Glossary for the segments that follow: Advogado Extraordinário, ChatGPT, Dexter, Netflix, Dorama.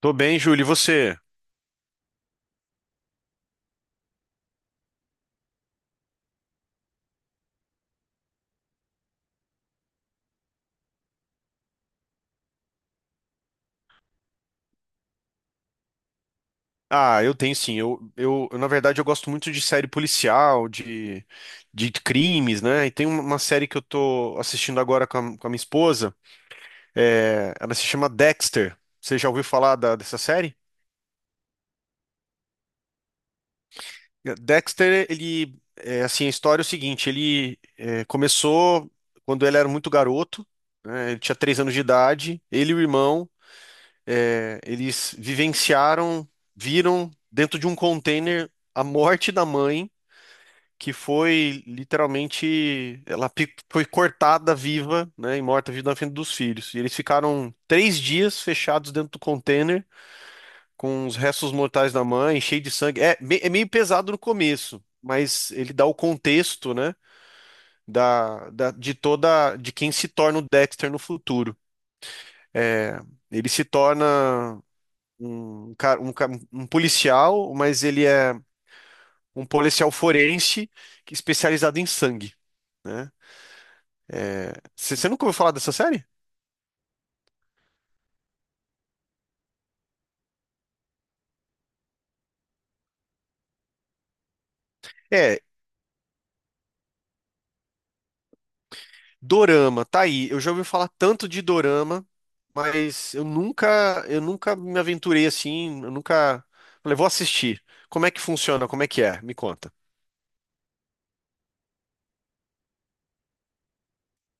Tô bem, Júlio, e você? Ah, eu tenho sim. Na verdade, eu gosto muito de série policial, de crimes, né? E tem uma série que eu tô assistindo agora com a minha esposa. Ela se chama Dexter. Você já ouviu falar dessa série? Dexter, ele, é, assim, a história é o seguinte: começou quando ele era muito garoto, né? Ele tinha três anos de idade. Ele e o irmão, eles vivenciaram, viram dentro de um container a morte da mãe que foi literalmente, foi cortada viva, né, e morta viva na frente dos filhos. E eles ficaram três dias fechados dentro do container, com os restos mortais da mãe, cheio de sangue. É, é meio pesado no começo, mas ele dá o contexto, né, de quem se torna o Dexter no futuro. É, ele se torna um policial, mas ele é um policial forense é especializado em sangue. Né? Você nunca ouviu falar dessa série? É, Dorama, tá aí. Eu já ouvi falar tanto de Dorama, mas eu nunca me aventurei assim, eu nunca falei, vou assistir. Como é que funciona? Como é que é? Me conta.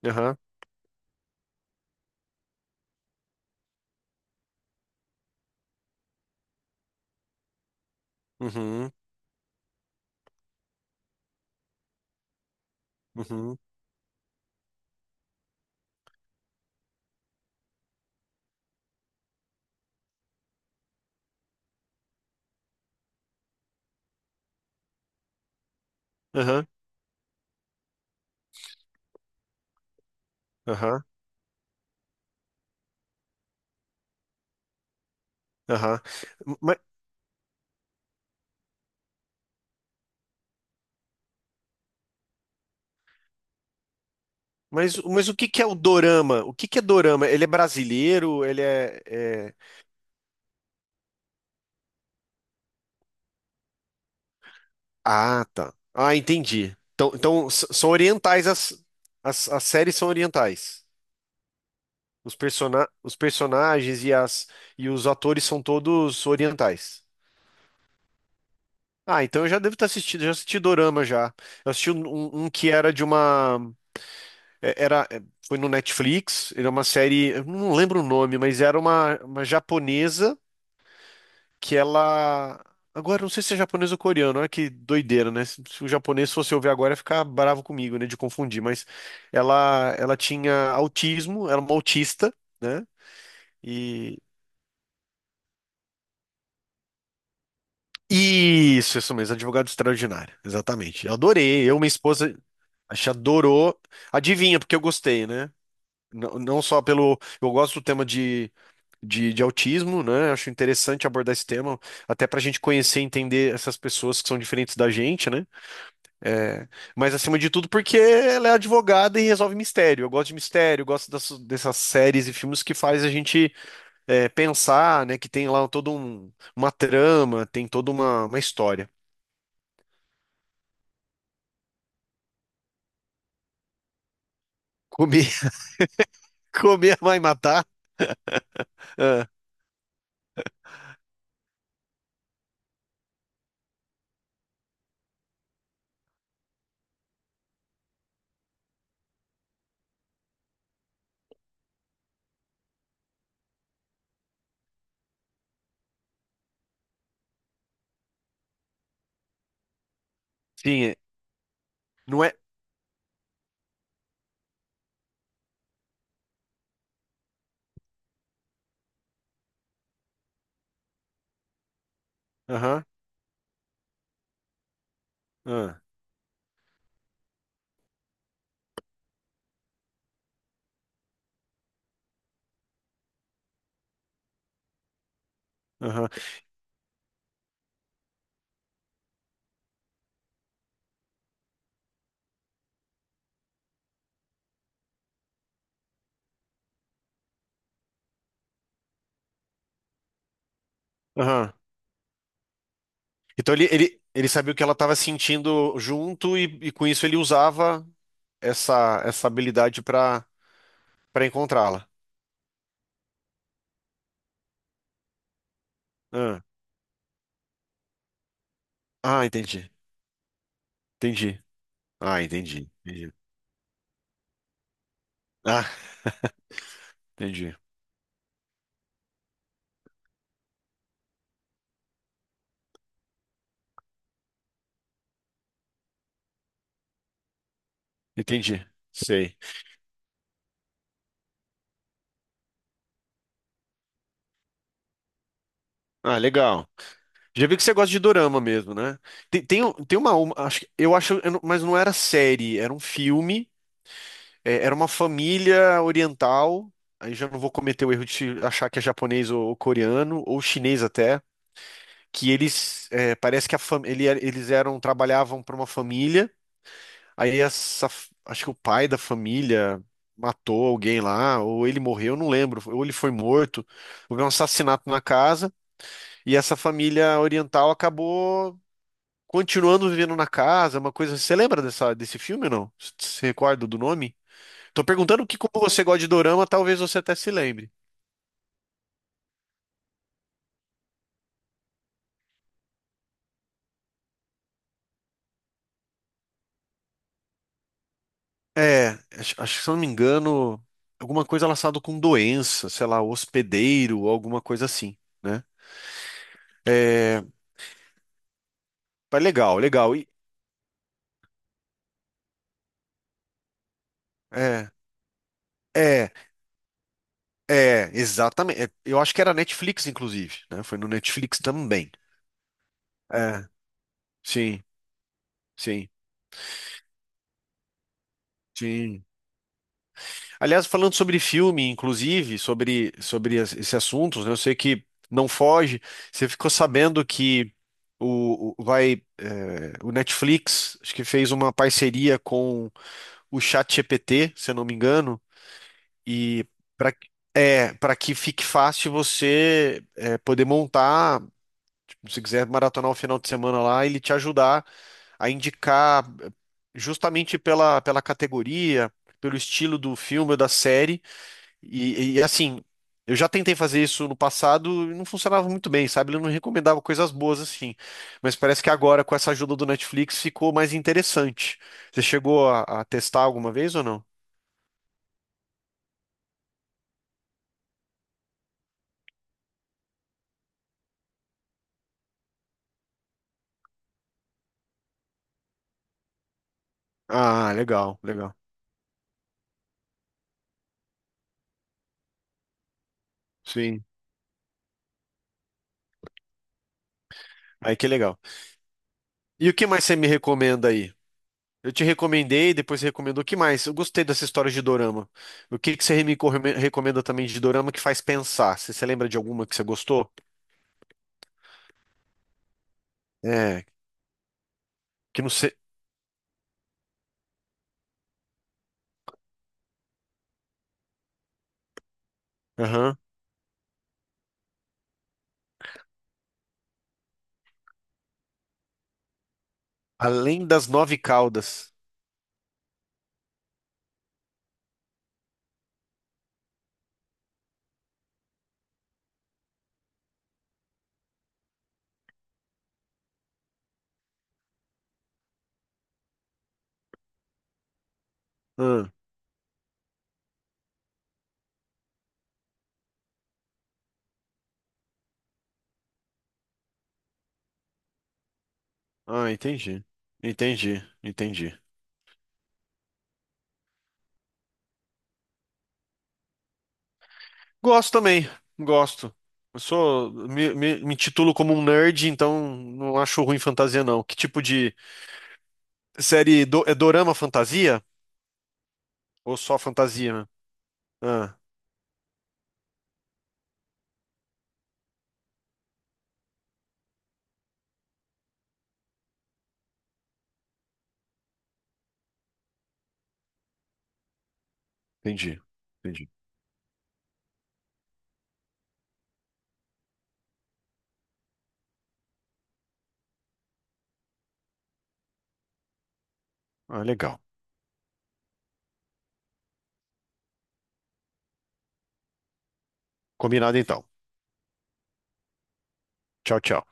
Aham, uhum, uhum, aham, aham, aham. Ma- mas, o que que é o Dorama? O que que é Dorama? Ele é brasileiro? Ah, tá. Ah, entendi. Então, são orientais as, as séries são orientais. Os personagens e os atores são todos orientais. Ah, então eu já devo ter assistido, já assisti Dorama já. Eu assisti um que era de uma. é- Era, é, Foi no Netflix, era uma série, eu não lembro o nome, mas era uma japonesa que ela. Agora, eu não sei se é japonesa ou coreano, olha que doideira, né? Se o japonês fosse ouvir agora, ia ficar bravo comigo, né? De confundir, mas ela tinha autismo, era uma autista, né? Isso mesmo, advogado extraordinário, exatamente. Eu adorei, eu, minha esposa, a gente adorou. Adivinha, porque eu gostei, né? Não, não só pelo. Eu gosto do tema de autismo, né? Acho interessante abordar esse tema, até pra gente conhecer e entender essas pessoas que são diferentes da gente, né? É, mas acima de tudo, porque ela é advogada e resolve mistério. Eu gosto de mistério, eu gosto dessas séries e filmes que faz a gente pensar, né? Que tem lá uma trama, tem uma história. Comer, comer vai matar? Ah, sim, não é. Aham, ah, aham, aham. Então ele sabia o que ela estava sentindo junto e com isso ele usava essa habilidade para encontrá-la. Ah, ah, entendi, entendi. Ah, entendi, entendi. Ah, entendi, entendi. Sei. Ah, legal. Já vi que você gosta de dorama mesmo, né? Tem, tem, um- tem uma- acho, que- eu acho, eu não- mas não era série, era um filme, era uma família oriental. Aí já não vou cometer o erro de achar que é japonês ou coreano ou chinês até, que eles parece que a fam, ele era- eles eram trabalhavam para uma família. Aí acho que o pai da família matou alguém lá, ou ele morreu, eu não lembro, ou ele foi morto, houve um assassinato na casa. E essa família oriental acabou continuando vivendo na casa, uma coisa. Você lembra desse filme ou não? Você se recorda do nome? Tô perguntando que, como você gosta de dorama, talvez você até se lembre. É, acho que se eu não me engano, alguma coisa relacionada com doença, sei lá, hospedeiro, alguma coisa assim, né? É, mas legal, legal. E, é, é, é, exatamente. É, eu acho que era Netflix, inclusive, né? Foi no Netflix também. É, sim, sim, sim. Aliás, falando sobre filme, inclusive, sobre esse assunto, né, eu sei que não foge. Você ficou sabendo que vai, o Netflix, acho que fez uma parceria com o ChatGPT, se eu não me engano, e para é, para que fique fácil você poder montar, tipo, se quiser maratonar o final de semana lá, ele te ajudar a indicar justamente pela categoria, pelo estilo do filme ou da série e, assim, eu já tentei fazer isso no passado e não funcionava muito bem, sabe? Ele não recomendava coisas boas assim. Mas parece que agora, com essa ajuda do Netflix, ficou mais interessante. Você chegou a testar alguma vez ou não? Ah, legal, legal. Sim. Aí que legal. E o que mais você me recomenda aí? Eu te recomendei, depois você recomendou. O que mais? Eu gostei dessa história de dorama. O que que você recomenda também de dorama que faz pensar? Você lembra de alguma que você gostou? É, que não sei. Aham. Além das nove caudas. Ah, ah, entendi. Entendi, entendi. Gosto também, gosto. Eu sou, me titulo como um nerd, então não acho ruim fantasia, não. Que tipo de série é dorama fantasia? Ou só fantasia, né? Ah, entendi, entendi. Ah, legal. Combinado então. Tchau, tchau.